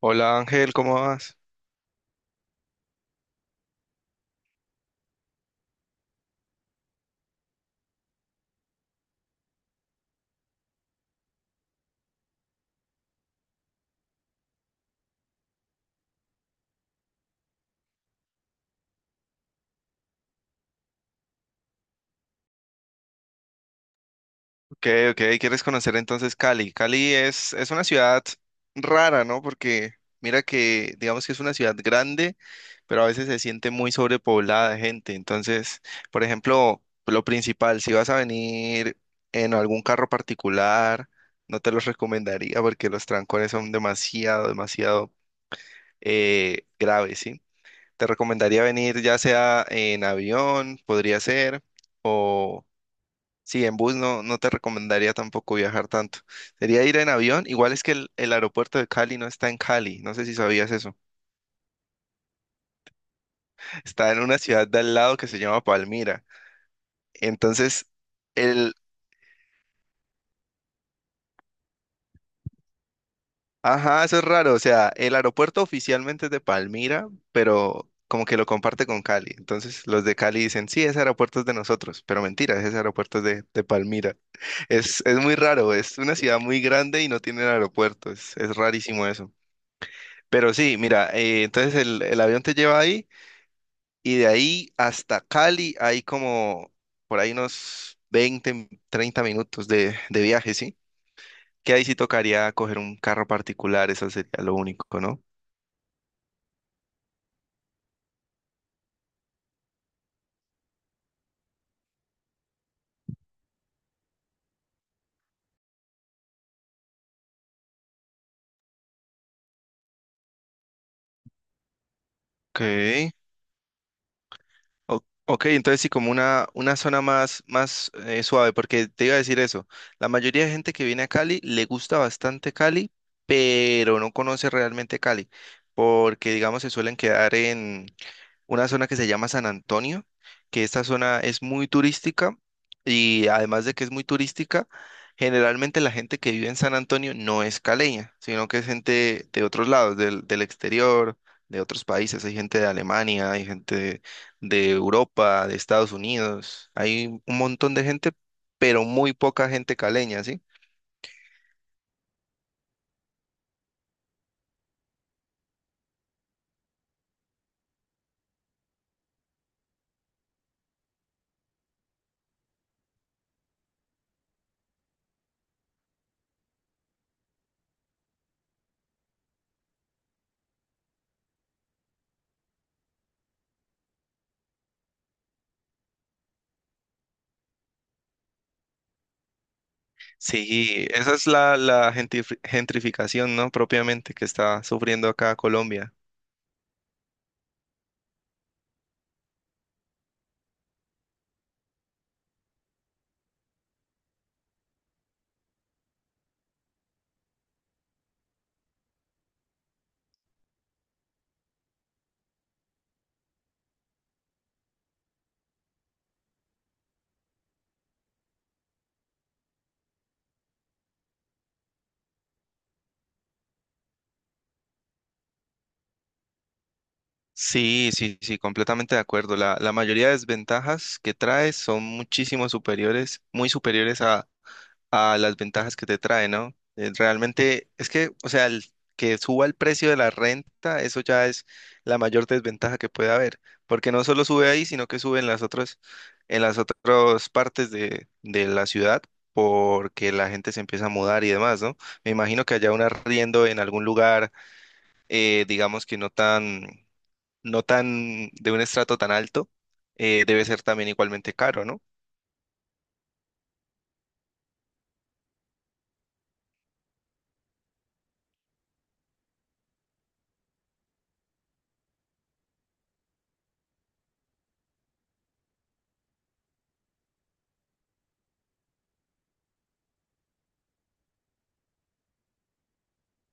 Hola Ángel, ¿cómo vas? Ok, ok, ¿quieres conocer entonces Cali? Cali es una ciudad rara, ¿no? Porque mira que digamos que es una ciudad grande, pero a veces se siente muy sobrepoblada de gente. Entonces, por ejemplo, lo principal, si vas a venir en algún carro particular, no te los recomendaría porque los trancones son demasiado, demasiado graves, ¿sí? Te recomendaría venir ya sea en avión, podría ser, o sí, en bus no, no te recomendaría tampoco viajar tanto. Sería ir en avión. Igual es que el aeropuerto de Cali no está en Cali. No sé si sabías eso. Está en una ciudad de al lado que se llama Palmira. Entonces, el... ajá, eso es raro. O sea, el aeropuerto oficialmente es de Palmira, pero como que lo comparte con Cali. Entonces, los de Cali dicen, sí, ese aeropuerto es de nosotros. Pero mentira, ese aeropuerto es de Palmira. Es muy raro. Es una ciudad muy grande y no tiene aeropuerto. Es rarísimo eso. Pero sí, mira, entonces el avión te lleva ahí y de ahí hasta Cali hay como por ahí unos 20 30 minutos de viaje, ¿sí? Que ahí sí tocaría coger un carro particular, eso sería lo único, ¿no? Okay, ok, entonces sí, como una zona más, más suave, porque te iba a decir eso, la mayoría de gente que viene a Cali le gusta bastante Cali, pero no conoce realmente Cali, porque digamos se suelen quedar en una zona que se llama San Antonio, que esta zona es muy turística y además de que es muy turística, generalmente la gente que vive en San Antonio no es caleña, sino que es gente de otros lados, del exterior, de otros países. Hay gente de Alemania, hay gente de Europa, de Estados Unidos, hay un montón de gente, pero muy poca gente caleña, ¿sí? Sí, esa es la gentrificación, ¿no? Propiamente que está sufriendo acá Colombia. Sí, sí, sí, completamente de acuerdo. La mayoría de desventajas que trae son muchísimo superiores, muy superiores a las ventajas que te trae, ¿no? Realmente es que, o sea, el que suba el precio de la renta, eso ya es la mayor desventaja que puede haber, porque no solo sube ahí, sino que sube en las otras partes de la ciudad, porque la gente se empieza a mudar y demás, ¿no? Me imagino que haya un arriendo en algún lugar digamos que no tan, no tan de un estrato tan alto, debe ser también igualmente caro, ¿no?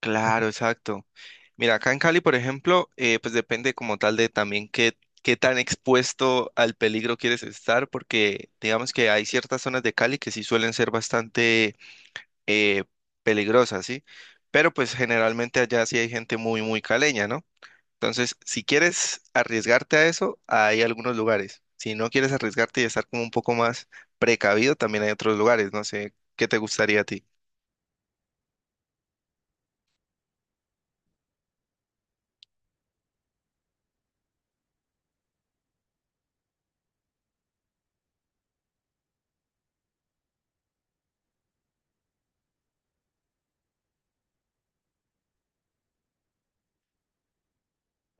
Claro, exacto. Mira, acá en Cali, por ejemplo, pues depende como tal de también qué, qué tan expuesto al peligro quieres estar, porque digamos que hay ciertas zonas de Cali que sí suelen ser bastante eh, peligrosas, ¿sí? Pero pues generalmente allá sí hay gente muy, muy caleña, ¿no? Entonces, si quieres arriesgarte a eso, hay algunos lugares. Si no quieres arriesgarte y estar como un poco más precavido, también hay otros lugares. No sé, ¿qué te gustaría a ti?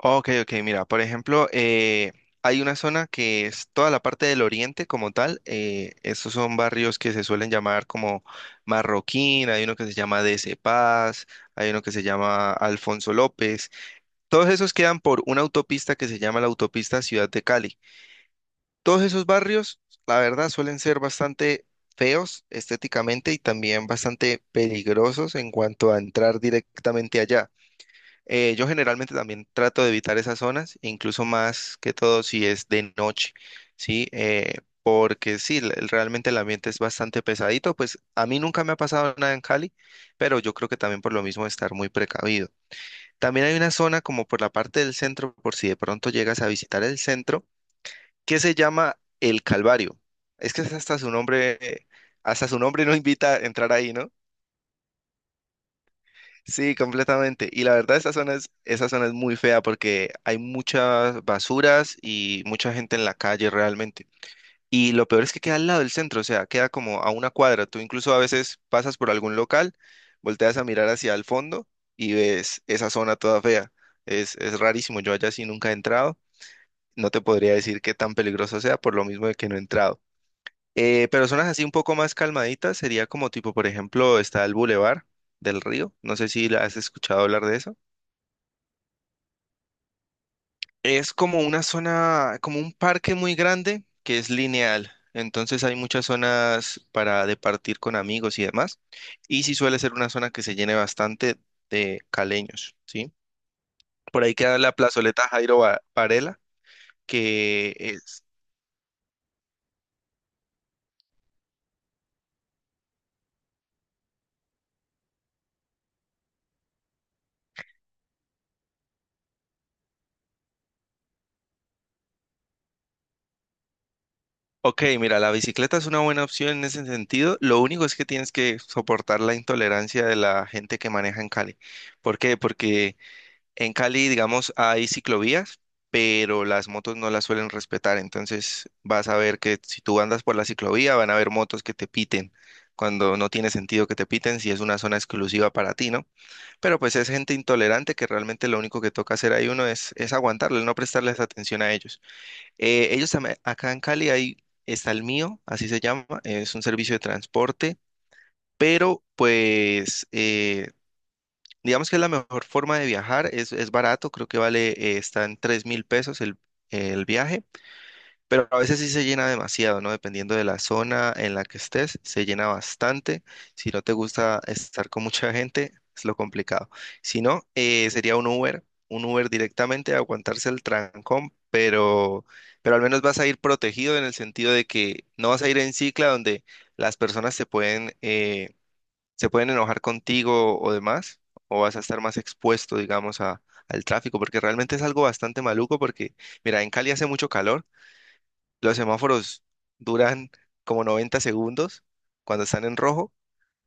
Ok, ok, mira, por ejemplo, hay una zona que es toda la parte del oriente como tal. Estos son barrios que se suelen llamar como Marroquín, hay uno que se llama DC Paz, hay uno que se llama Alfonso López. Todos esos quedan por una autopista que se llama la autopista Ciudad de Cali. Todos esos barrios, la verdad, suelen ser bastante feos estéticamente y también bastante peligrosos en cuanto a entrar directamente allá. Yo generalmente también trato de evitar esas zonas, incluso más que todo si es de noche, ¿sí? Porque sí, realmente el ambiente es bastante pesadito. Pues a mí nunca me ha pasado nada en Cali, pero yo creo que también por lo mismo estar muy precavido. También hay una zona como por la parte del centro, por si de pronto llegas a visitar el centro que se llama El Calvario. Es que es hasta su nombre no invita a entrar ahí, ¿no? Sí, completamente. Y la verdad, esa zona es muy fea porque hay muchas basuras y mucha gente en la calle realmente. Y lo peor es que queda al lado del centro, o sea, queda como a una cuadra. Tú incluso a veces pasas por algún local, volteas a mirar hacia el fondo y ves esa zona toda fea. Es rarísimo, yo allá sí nunca he entrado. No te podría decir qué tan peligroso sea por lo mismo de que no he entrado. Pero zonas así un poco más calmaditas sería como tipo, por ejemplo, está el Boulevard del Río. No sé si la has escuchado hablar de eso. Es como una zona, como un parque muy grande que es lineal. Entonces hay muchas zonas para departir con amigos y demás. Y sí suele ser una zona que se llene bastante de caleños, ¿sí? Por ahí queda la plazoleta Jairo Varela, que es ok, mira, la bicicleta es una buena opción en ese sentido. Lo único es que tienes que soportar la intolerancia de la gente que maneja en Cali. ¿Por qué? Porque en Cali, digamos, hay ciclovías, pero las motos no las suelen respetar. Entonces vas a ver que si tú andas por la ciclovía, van a haber motos que te piten cuando no tiene sentido que te piten si es una zona exclusiva para ti, ¿no? Pero pues es gente intolerante que realmente lo único que toca hacer ahí uno es aguantarle, no prestarles atención a ellos. Ellos también, acá en Cali hay, está el mío, así se llama, es un servicio de transporte, pero pues digamos que es la mejor forma de viajar, es barato, creo que vale, está en $3.000 el viaje, pero a veces sí se llena demasiado, ¿no? Dependiendo de la zona en la que estés, se llena bastante. Si no te gusta estar con mucha gente, es lo complicado. Si no, sería un Uber directamente, aguantarse el trancón, pero al menos vas a ir protegido en el sentido de que no vas a ir en cicla donde las personas se pueden enojar contigo o demás, o vas a estar más expuesto, digamos, a, al tráfico, porque realmente es algo bastante maluco, porque, mira, en Cali hace mucho calor, los semáforos duran como 90 segundos cuando están en rojo.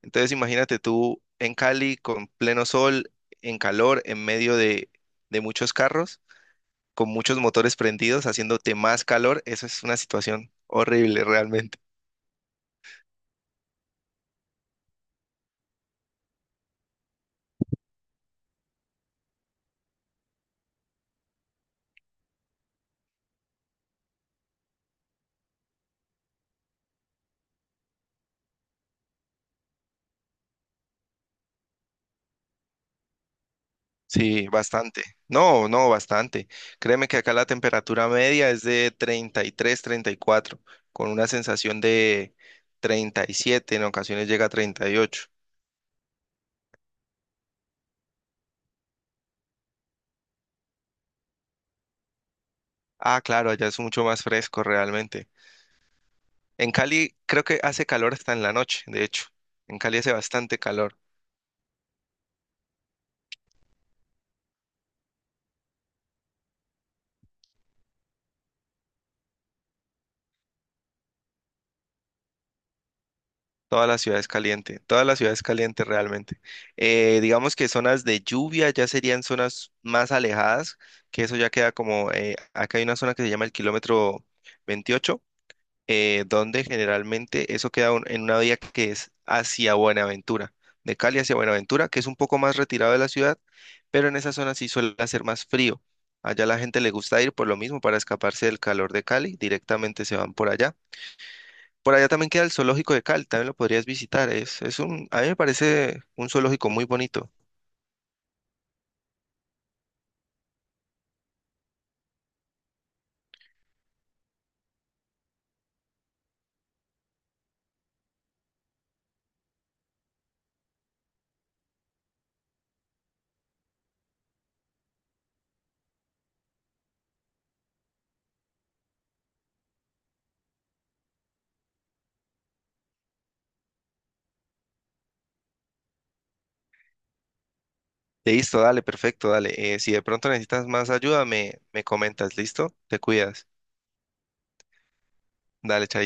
Entonces imagínate tú en Cali con pleno sol, en calor, en medio de muchos carros, con muchos motores prendidos, haciéndote más calor. Eso es una situación horrible realmente. Sí, bastante. No, no, bastante. Créeme que acá la temperatura media es de 33, 34, con una sensación de 37, en ocasiones llega a 38. Ah, claro, allá es mucho más fresco realmente. En Cali creo que hace calor hasta en la noche, de hecho. En Cali hace bastante calor. Toda la ciudad es caliente, toda la ciudad es caliente realmente. Digamos que zonas de lluvia ya serían zonas más alejadas, que eso ya queda como, acá hay una zona que se llama el kilómetro 28, donde generalmente eso queda en una vía que es hacia Buenaventura, de Cali hacia Buenaventura, que es un poco más retirado de la ciudad, pero en esa zona sí suele hacer más frío. Allá la gente le gusta ir por lo mismo para escaparse del calor de Cali, directamente se van por allá. Por allá también queda el zoológico de Cali, también lo podrías visitar. Es un, a mí me parece un zoológico muy bonito. Listo, dale, perfecto, dale. Si de pronto necesitas más ayuda, me comentas, ¿listo? Te cuidas. Dale, chaito.